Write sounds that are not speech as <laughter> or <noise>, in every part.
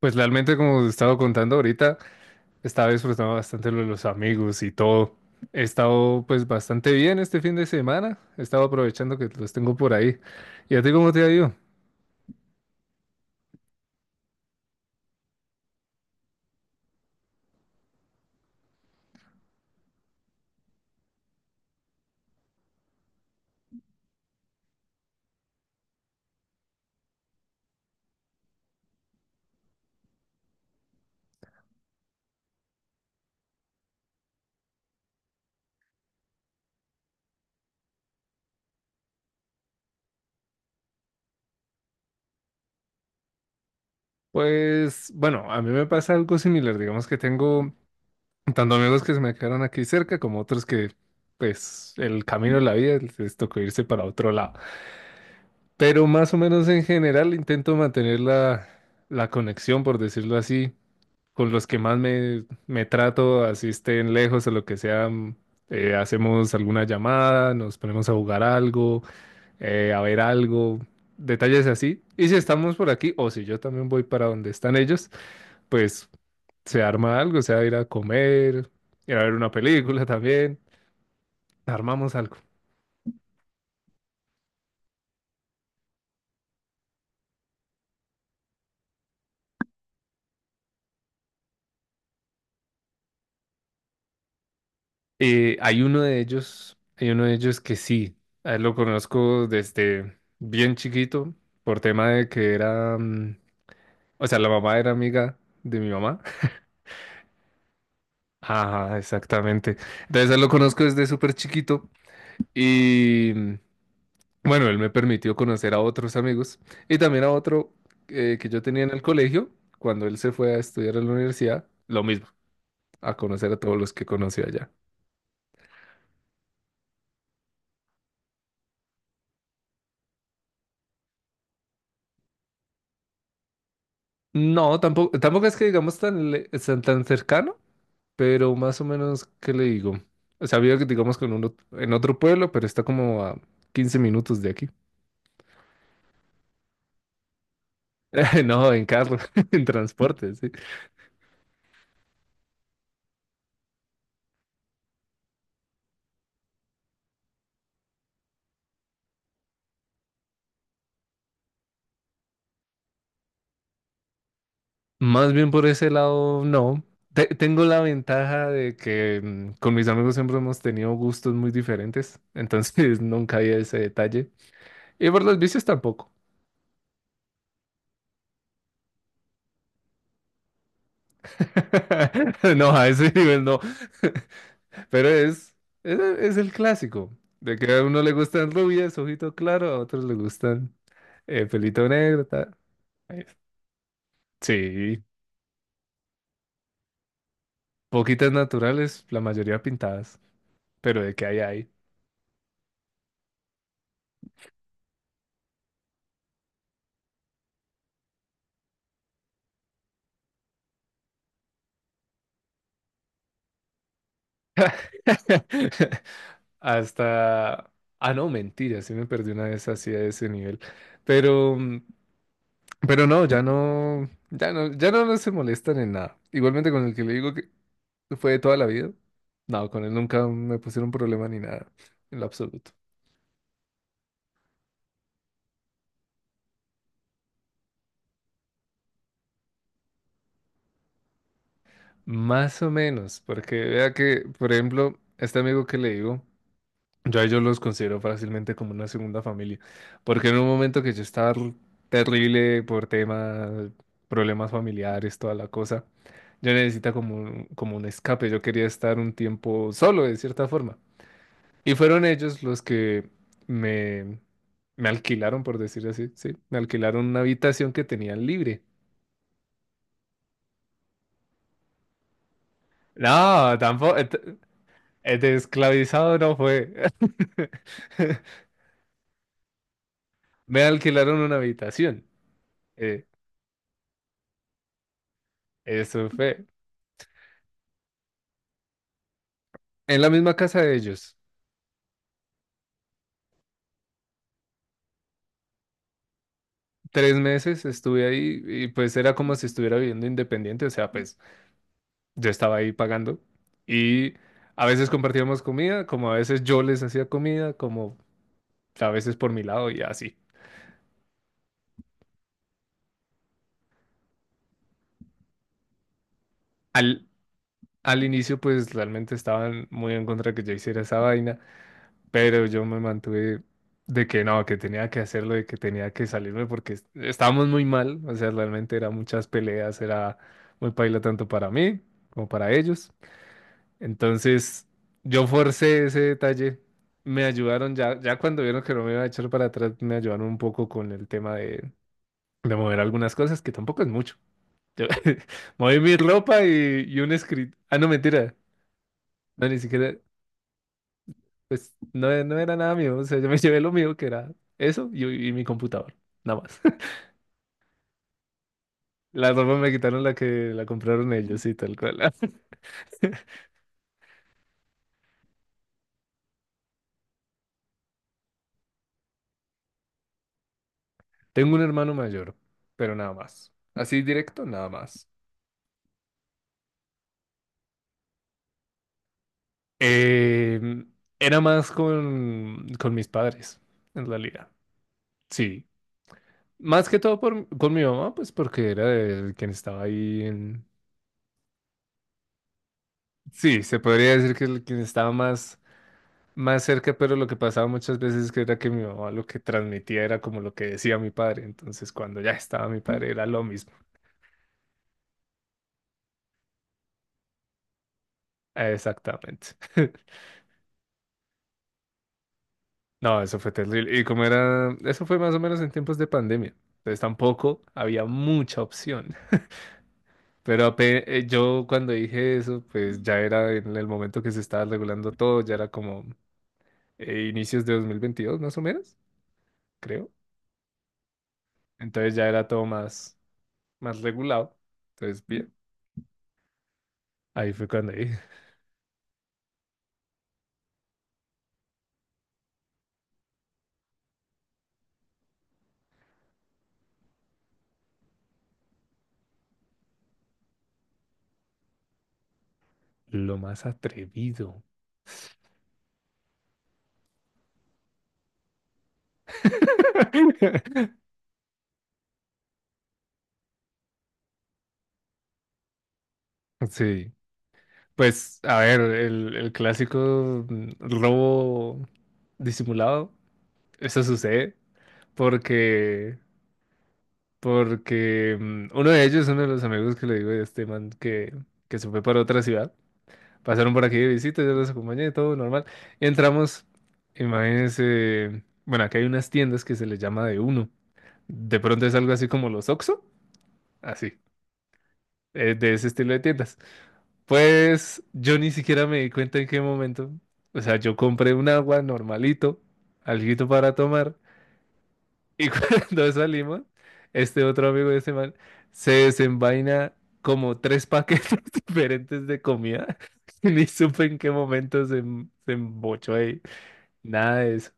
Pues realmente, como te estaba contando ahorita, estaba disfrutando bastante lo de los amigos y todo. He estado pues bastante bien este fin de semana. He estado aprovechando que los tengo por ahí. ¿Y a ti cómo te ha ido? Pues bueno, a mí me pasa algo similar. Digamos que tengo tanto amigos que se me quedaron aquí cerca como otros que pues el camino de la vida les tocó irse para otro lado. Pero más o menos en general intento mantener la conexión, por decirlo así, con los que más me trato, así estén lejos o lo que sea. Hacemos alguna llamada, nos ponemos a jugar algo, a ver algo, detalles así. Y si estamos por aquí, o si yo también voy para donde están ellos, pues se arma algo, sea ir a comer, ir a ver una película <laughs> también, armamos algo. Hay uno de ellos que sí, a él lo conozco desde bien chiquito, por tema de que o sea, la mamá era amiga de mi mamá. Ajá, exactamente. Entonces, él lo conozco desde súper chiquito y bueno, él me permitió conocer a otros amigos y también a otro que yo tenía en el colegio cuando él se fue a estudiar a la universidad. Lo mismo, a conocer a todos los que conocí allá. No, tampoco es que digamos tan cercano, pero más o menos, ¿qué le digo? O sea, había que digamos, con uno en otro pueblo, pero está como a 15 minutos de aquí. <laughs> No, en carro, <laughs> en transporte, sí. Más bien por ese lado, no. Tengo la ventaja de que con mis amigos siempre hemos tenido gustos muy diferentes, entonces <laughs> nunca había ese detalle. Y por los vicios tampoco. <laughs> No, a ese nivel no. <laughs> Pero es el clásico, de que a uno le gustan rubias, ojito claro, a otros le gustan pelito negro, tal. Sí, poquitas naturales, la mayoría pintadas, pero de que hay hay. <laughs> Hasta... Ah, no, mentira, sí me perdí una vez así a ese nivel. Pero, mm, pero no, ya no, ya no, ya no, no se molestan en nada. Igualmente con el que le digo que fue de toda la vida. No, con él nunca me pusieron problema ni nada, en lo absoluto. Más o menos, porque vea que, por ejemplo, este amigo que le digo. Yo a ellos los considero fácilmente como una segunda familia, porque en un momento que yo estaba terrible por temas, problemas familiares, toda la cosa. Yo necesitaba como un escape, yo quería estar un tiempo solo de cierta forma. Y fueron ellos los que me, me alquilaron, por decir así, sí, me alquilaron una habitación que tenían libre. No, tampoco, de esclavizado no fue. <laughs> Me alquilaron una habitación. eh, Eso fue. En la misma casa de ellos. 3 meses estuve ahí y pues era como si estuviera viviendo independiente, o sea, pues yo estaba ahí pagando y a veces compartíamos comida, como a veces yo les hacía comida, como a veces por mi lado y así. Al, al inicio pues realmente estaban muy en contra de que yo hiciera esa vaina, pero yo me mantuve de que no, que tenía que hacerlo, de que tenía que salirme porque estábamos muy mal, o sea, realmente eran muchas peleas, era muy paila tanto para mí como para ellos. Entonces, yo forcé ese detalle. Me ayudaron ya, ya cuando vieron que no me iba a echar para atrás, me ayudaron un poco con el tema de mover algunas cosas, que tampoco es mucho. Yo <laughs> moví mi ropa y un script. Ah, no, mentira. No, ni siquiera, pues no, no era nada mío. O sea, yo me <laughs> llevé lo mío, que era eso y mi computador. Nada más. <laughs> La ropa me quitaron la que la compraron ellos y tal cual. <laughs> Tengo un hermano mayor, pero nada más. Así directo, nada más. Eh, era más con mis padres, en realidad. Sí. Más que todo con mi mamá, pues porque era el quien estaba ahí en. Sí, se podría decir que el quien estaba más cerca, pero lo que pasaba muchas veces que era que mi mamá lo que transmitía era como lo que decía mi padre. Entonces, cuando ya estaba mi padre, era lo mismo. Exactamente. <laughs> No, eso fue terrible. Y como era, eso fue más o menos en tiempos de pandemia. Entonces tampoco había mucha opción. Pero yo cuando dije eso, pues ya era en el momento que se estaba regulando todo, ya era como inicios de 2022 más o menos, creo. Entonces ya era todo más regulado. Entonces, bien, ahí fue cuando dije, lo más atrevido. <laughs> Sí, pues a ver, el clásico robo disimulado, eso sucede porque Porque uno de ellos, uno de los amigos que le digo, este man que se fue para otra ciudad, pasaron por aquí de visita, yo los acompañé, todo normal. Y entramos, imagínense, bueno, aquí hay unas tiendas que se les llama de uno. De pronto es algo así como los Oxxo, así, de ese estilo de tiendas. Pues yo ni siquiera me di cuenta en qué momento. O sea, yo compré un agua normalito, alguito para tomar. Y <laughs> cuando salimos, este otro amigo de ese man se desenvaina como tres paquetes <laughs> diferentes de comida. <laughs> Ni supe en qué momento se embochó ahí. Nada de eso.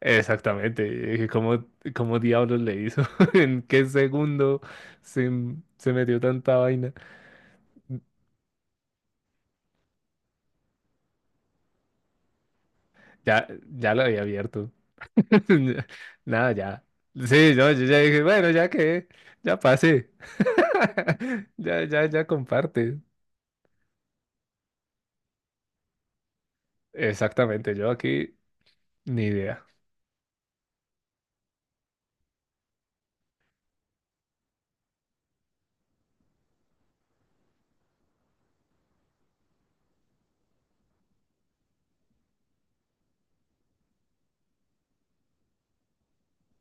Exactamente. Y dije, ¿cómo, cómo diablos le hizo? <laughs> ¿En qué segundo se metió tanta vaina? Ya, ya lo había abierto. <laughs> Nada, ya. Sí, no, yo ya dije, bueno, ya que, ya pasé. <laughs> Ya, ya, ya comparte. Exactamente, yo aquí ni idea.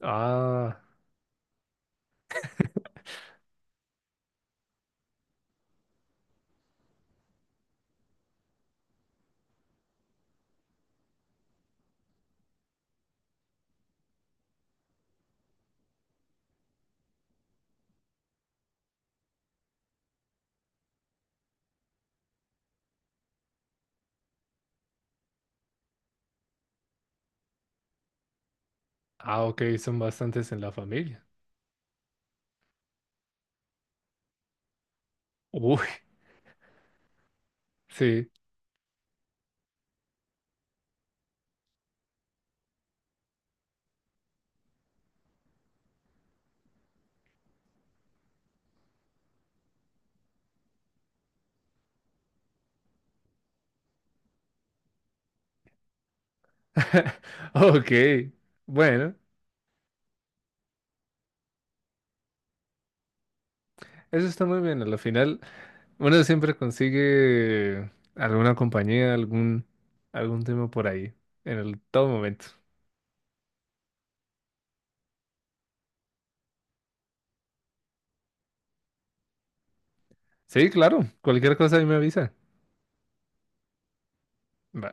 Ah, ah, ok, son bastantes en la familia. Uy, sí. <laughs> Ok, bueno, eso está muy bien. Al final, uno siempre consigue alguna compañía, algún, tema por ahí, en el todo momento. Sí, claro, cualquier cosa ahí me avisa. Va.